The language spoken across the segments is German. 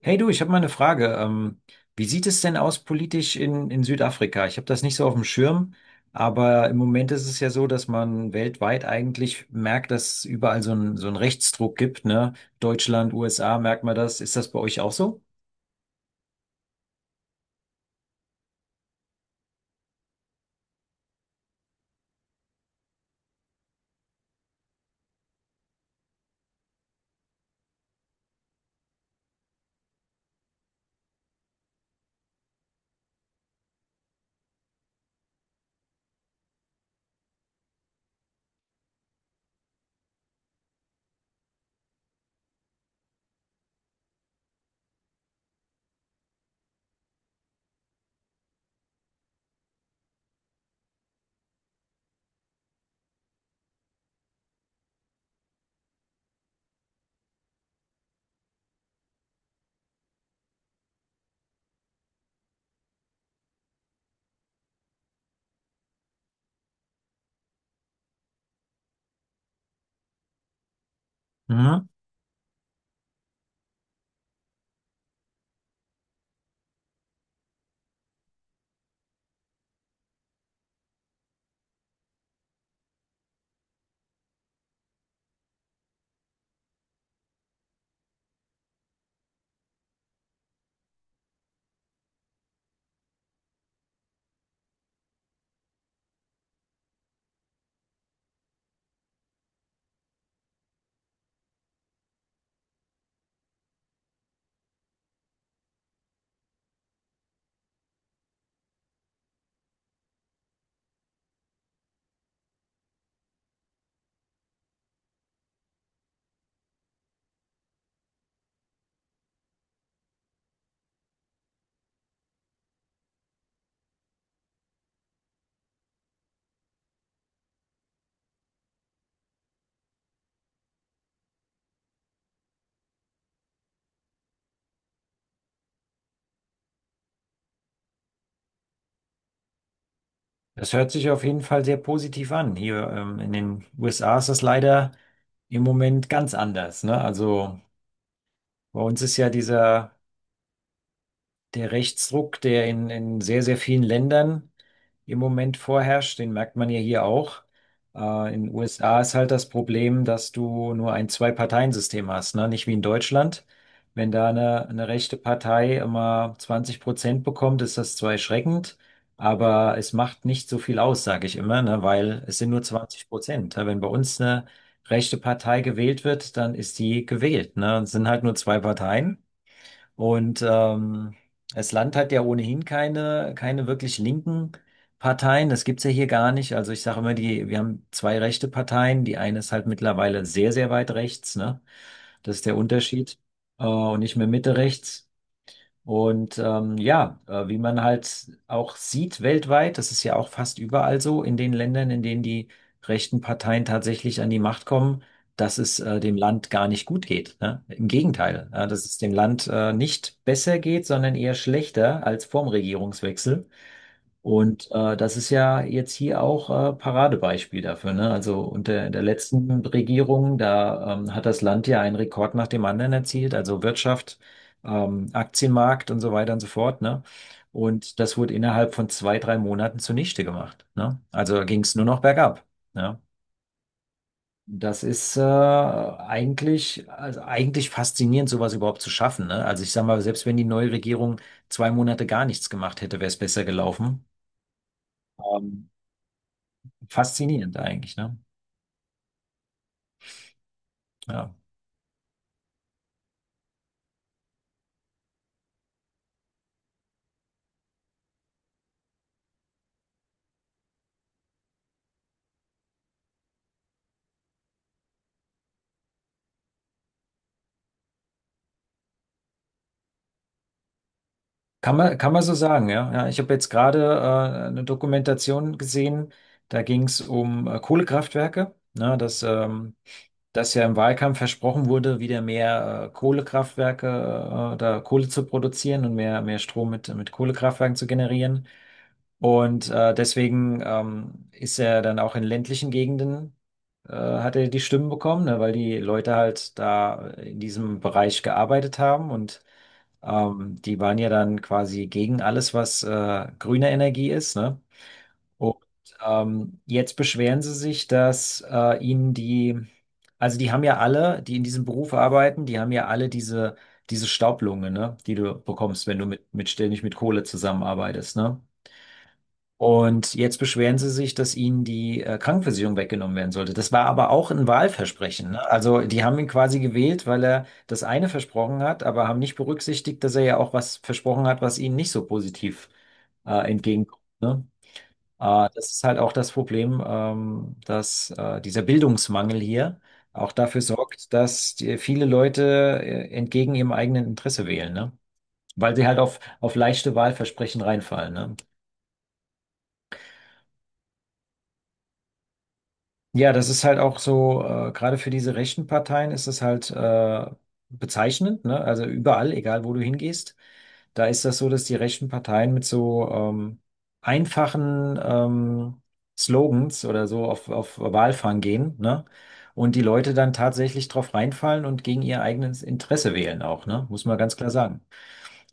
Hey du, ich habe mal eine Frage. Wie sieht es denn aus politisch in Südafrika? Ich habe das nicht so auf dem Schirm, aber im Moment ist es ja so, dass man weltweit eigentlich merkt, dass es überall so einen Rechtsdruck gibt, ne? Deutschland, USA, merkt man das. Ist das bei euch auch so? Mhm. Das hört sich auf jeden Fall sehr positiv an. Hier, in den USA ist das leider im Moment ganz anders, ne? Also bei uns ist ja dieser der Rechtsruck, der in sehr, sehr vielen Ländern im Moment vorherrscht, den merkt man ja hier auch. In den USA ist halt das Problem, dass du nur ein Zwei-Parteien-System hast, ne? Nicht wie in Deutschland. Wenn da eine rechte Partei immer 20% bekommt, ist das zwar erschreckend, aber es macht nicht so viel aus, sage ich immer, ne? Weil es sind nur 20%. Ja, wenn bei uns eine rechte Partei gewählt wird, dann ist die gewählt, ne? Es sind halt nur zwei Parteien. Und das Land hat ja ohnehin keine wirklich linken Parteien. Das gibt's ja hier gar nicht. Also ich sage immer, wir haben zwei rechte Parteien. Die eine ist halt mittlerweile sehr, sehr weit rechts, ne? Das ist der Unterschied. Und nicht mehr Mitte rechts. Und wie man halt auch sieht weltweit, das ist ja auch fast überall so, in den Ländern, in denen die rechten Parteien tatsächlich an die Macht kommen, dass es dem Land gar nicht gut geht. Ne? Im Gegenteil, dass es dem Land nicht besser geht, sondern eher schlechter als vorm Regierungswechsel. Und das ist ja jetzt hier auch Paradebeispiel dafür, ne? Also unter der letzten Regierung, da hat das Land ja einen Rekord nach dem anderen erzielt, also Wirtschaft, Aktienmarkt und so weiter und so fort, ne? Und das wurde innerhalb von 2, 3 Monaten zunichte gemacht, ne? Also ging es nur noch bergab, ne? Das ist eigentlich, also eigentlich faszinierend, sowas überhaupt zu schaffen, ne? Also ich sag mal, selbst wenn die neue Regierung 2 Monate gar nichts gemacht hätte, wäre es besser gelaufen. Ähm, Faszinierend eigentlich, ne? Ja. Kann man so sagen, ja. Ja, ich habe jetzt gerade eine Dokumentation gesehen, da ging es um Kohlekraftwerke, ne, dass ja im Wahlkampf versprochen wurde, wieder mehr Kohlekraftwerke, da Kohle zu produzieren und mehr, mehr Strom mit Kohlekraftwerken zu generieren. Und deswegen ist er dann auch in ländlichen Gegenden, hat er die Stimmen bekommen, ne, weil die Leute halt da in diesem Bereich gearbeitet haben und die waren ja dann quasi gegen alles, was grüne Energie ist, ne? Und jetzt beschweren sie sich, dass also die haben ja alle, die in diesem Beruf arbeiten, die haben ja alle diese Staublunge, ne? Die du bekommst, wenn du mit ständig mit Kohle zusammenarbeitest, ne? Und jetzt beschweren sie sich, dass ihnen die Krankenversicherung weggenommen werden sollte. Das war aber auch ein Wahlversprechen. Ne? Also die haben ihn quasi gewählt, weil er das eine versprochen hat, aber haben nicht berücksichtigt, dass er ja auch was versprochen hat, was ihnen nicht so positiv entgegenkommt. Ne? Das ist halt auch das Problem, dass dieser Bildungsmangel hier auch dafür sorgt, dass viele Leute entgegen ihrem eigenen Interesse wählen, ne? Weil sie halt auf leichte Wahlversprechen reinfallen. Ne? Ja, das ist halt auch so, gerade für diese rechten Parteien ist es halt bezeichnend, ne? Also überall, egal wo du hingehst, da ist das so, dass die rechten Parteien mit so einfachen Slogans oder so auf Wahlfang gehen, ne? Und die Leute dann tatsächlich drauf reinfallen und gegen ihr eigenes Interesse wählen auch, ne? Muss man ganz klar sagen.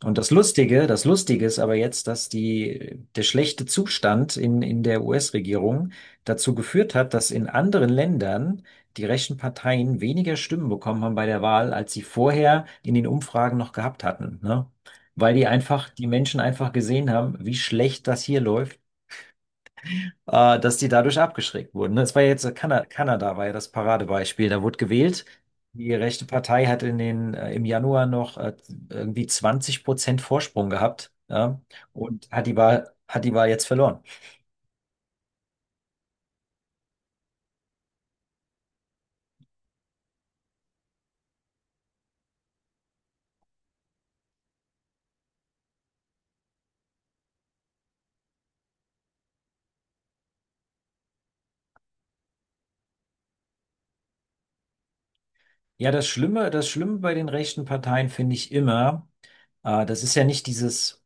Und das Lustige ist aber jetzt, dass der schlechte Zustand in der US-Regierung dazu geführt hat, dass in anderen Ländern die rechten Parteien weniger Stimmen bekommen haben bei der Wahl, als sie vorher in den Umfragen noch gehabt hatten, ne? Weil die Menschen einfach gesehen haben, wie schlecht das hier läuft dass die dadurch abgeschreckt wurden. Ne? Das war ja jetzt Kanada, Kanada war ja das Paradebeispiel. Da wurde gewählt. Die rechte Partei hat im Januar noch irgendwie 20% Vorsprung gehabt, ja, und hat hat die Wahl jetzt verloren. Ja, das Schlimme bei den rechten Parteien finde ich immer, das ist ja nicht dieses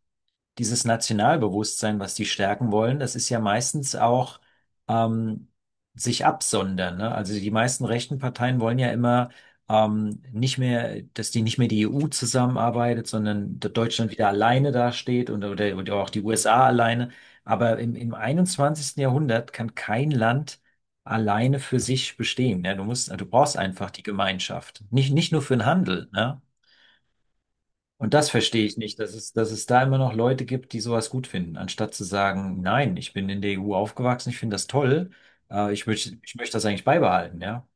dieses Nationalbewusstsein, was die stärken wollen, das ist ja meistens auch ähm, sich absondern. Ne? Also die meisten rechten Parteien wollen ja immer nicht mehr, dass die nicht mehr die EU zusammenarbeitet, sondern dass Deutschland wieder alleine dasteht und oder auch die USA alleine. Aber im 21. Jahrhundert kann kein Land alleine für sich bestehen. Ne? Du brauchst einfach die Gemeinschaft. Nicht nur für den Handel, ne? Und das verstehe ich nicht, dass es da immer noch Leute gibt, die sowas gut finden, anstatt zu sagen, nein, ich bin in der EU aufgewachsen, ich finde das toll, ich möchte das eigentlich beibehalten, ja.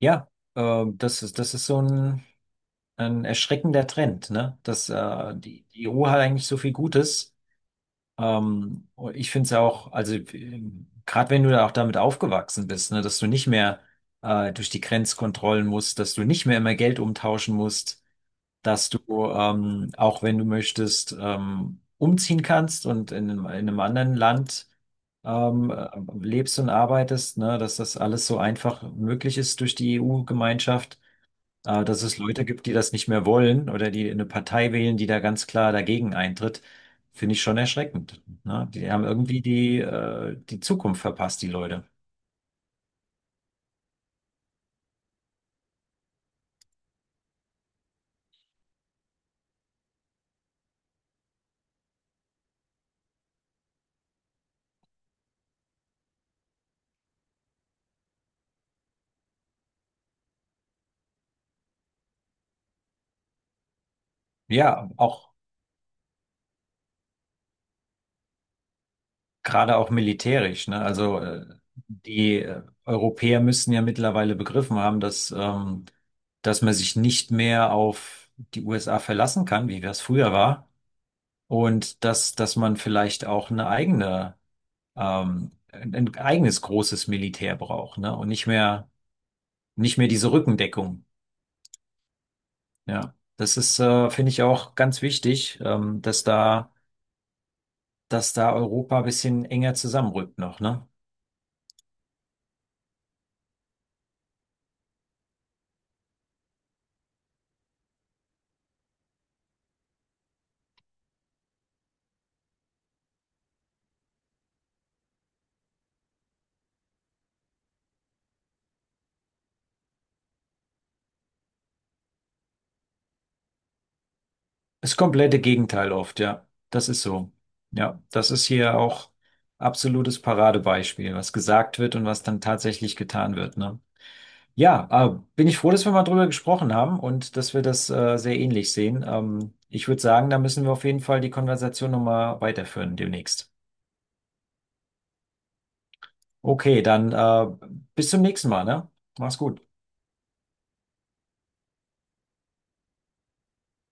Ja, das ist so ein erschreckender Trend, ne? Dass die EU hat eigentlich so viel Gutes. Und ich finde es ja auch, also gerade wenn du da auch damit aufgewachsen bist, ne, dass du nicht mehr durch die Grenzkontrollen musst, dass du nicht mehr immer Geld umtauschen musst, dass du, auch wenn du möchtest, umziehen kannst und in einem anderen Land ähm, äh, lebst und arbeitest, ne, dass das alles so einfach möglich ist durch die EU-Gemeinschaft, dass es Leute gibt, die das nicht mehr wollen oder die eine Partei wählen, die da ganz klar dagegen eintritt, finde ich schon erschreckend. Ne? Die haben irgendwie die Zukunft verpasst, die Leute. Ja, auch. Gerade auch militärisch, ne? Also die Europäer müssen ja mittlerweile begriffen haben, dass man sich nicht mehr auf die USA verlassen kann, wie das früher war, und dass man vielleicht auch eine eigene, ein eigenes großes Militär braucht, ne? Und nicht mehr diese Rückendeckung. Ja. Das ist, finde ich auch ganz wichtig, dass da Europa ein bisschen enger zusammenrückt noch, ne? Das komplette Gegenteil oft, ja. Das ist so. Ja, das ist hier auch absolutes Paradebeispiel, was gesagt wird und was dann tatsächlich getan wird, ne? Ja, bin ich froh, dass wir mal drüber gesprochen haben und dass wir das sehr ähnlich sehen. Ich würde sagen, da müssen wir auf jeden Fall die Konversation nochmal weiterführen demnächst. Okay, dann bis zum nächsten Mal, ne? Mach's gut.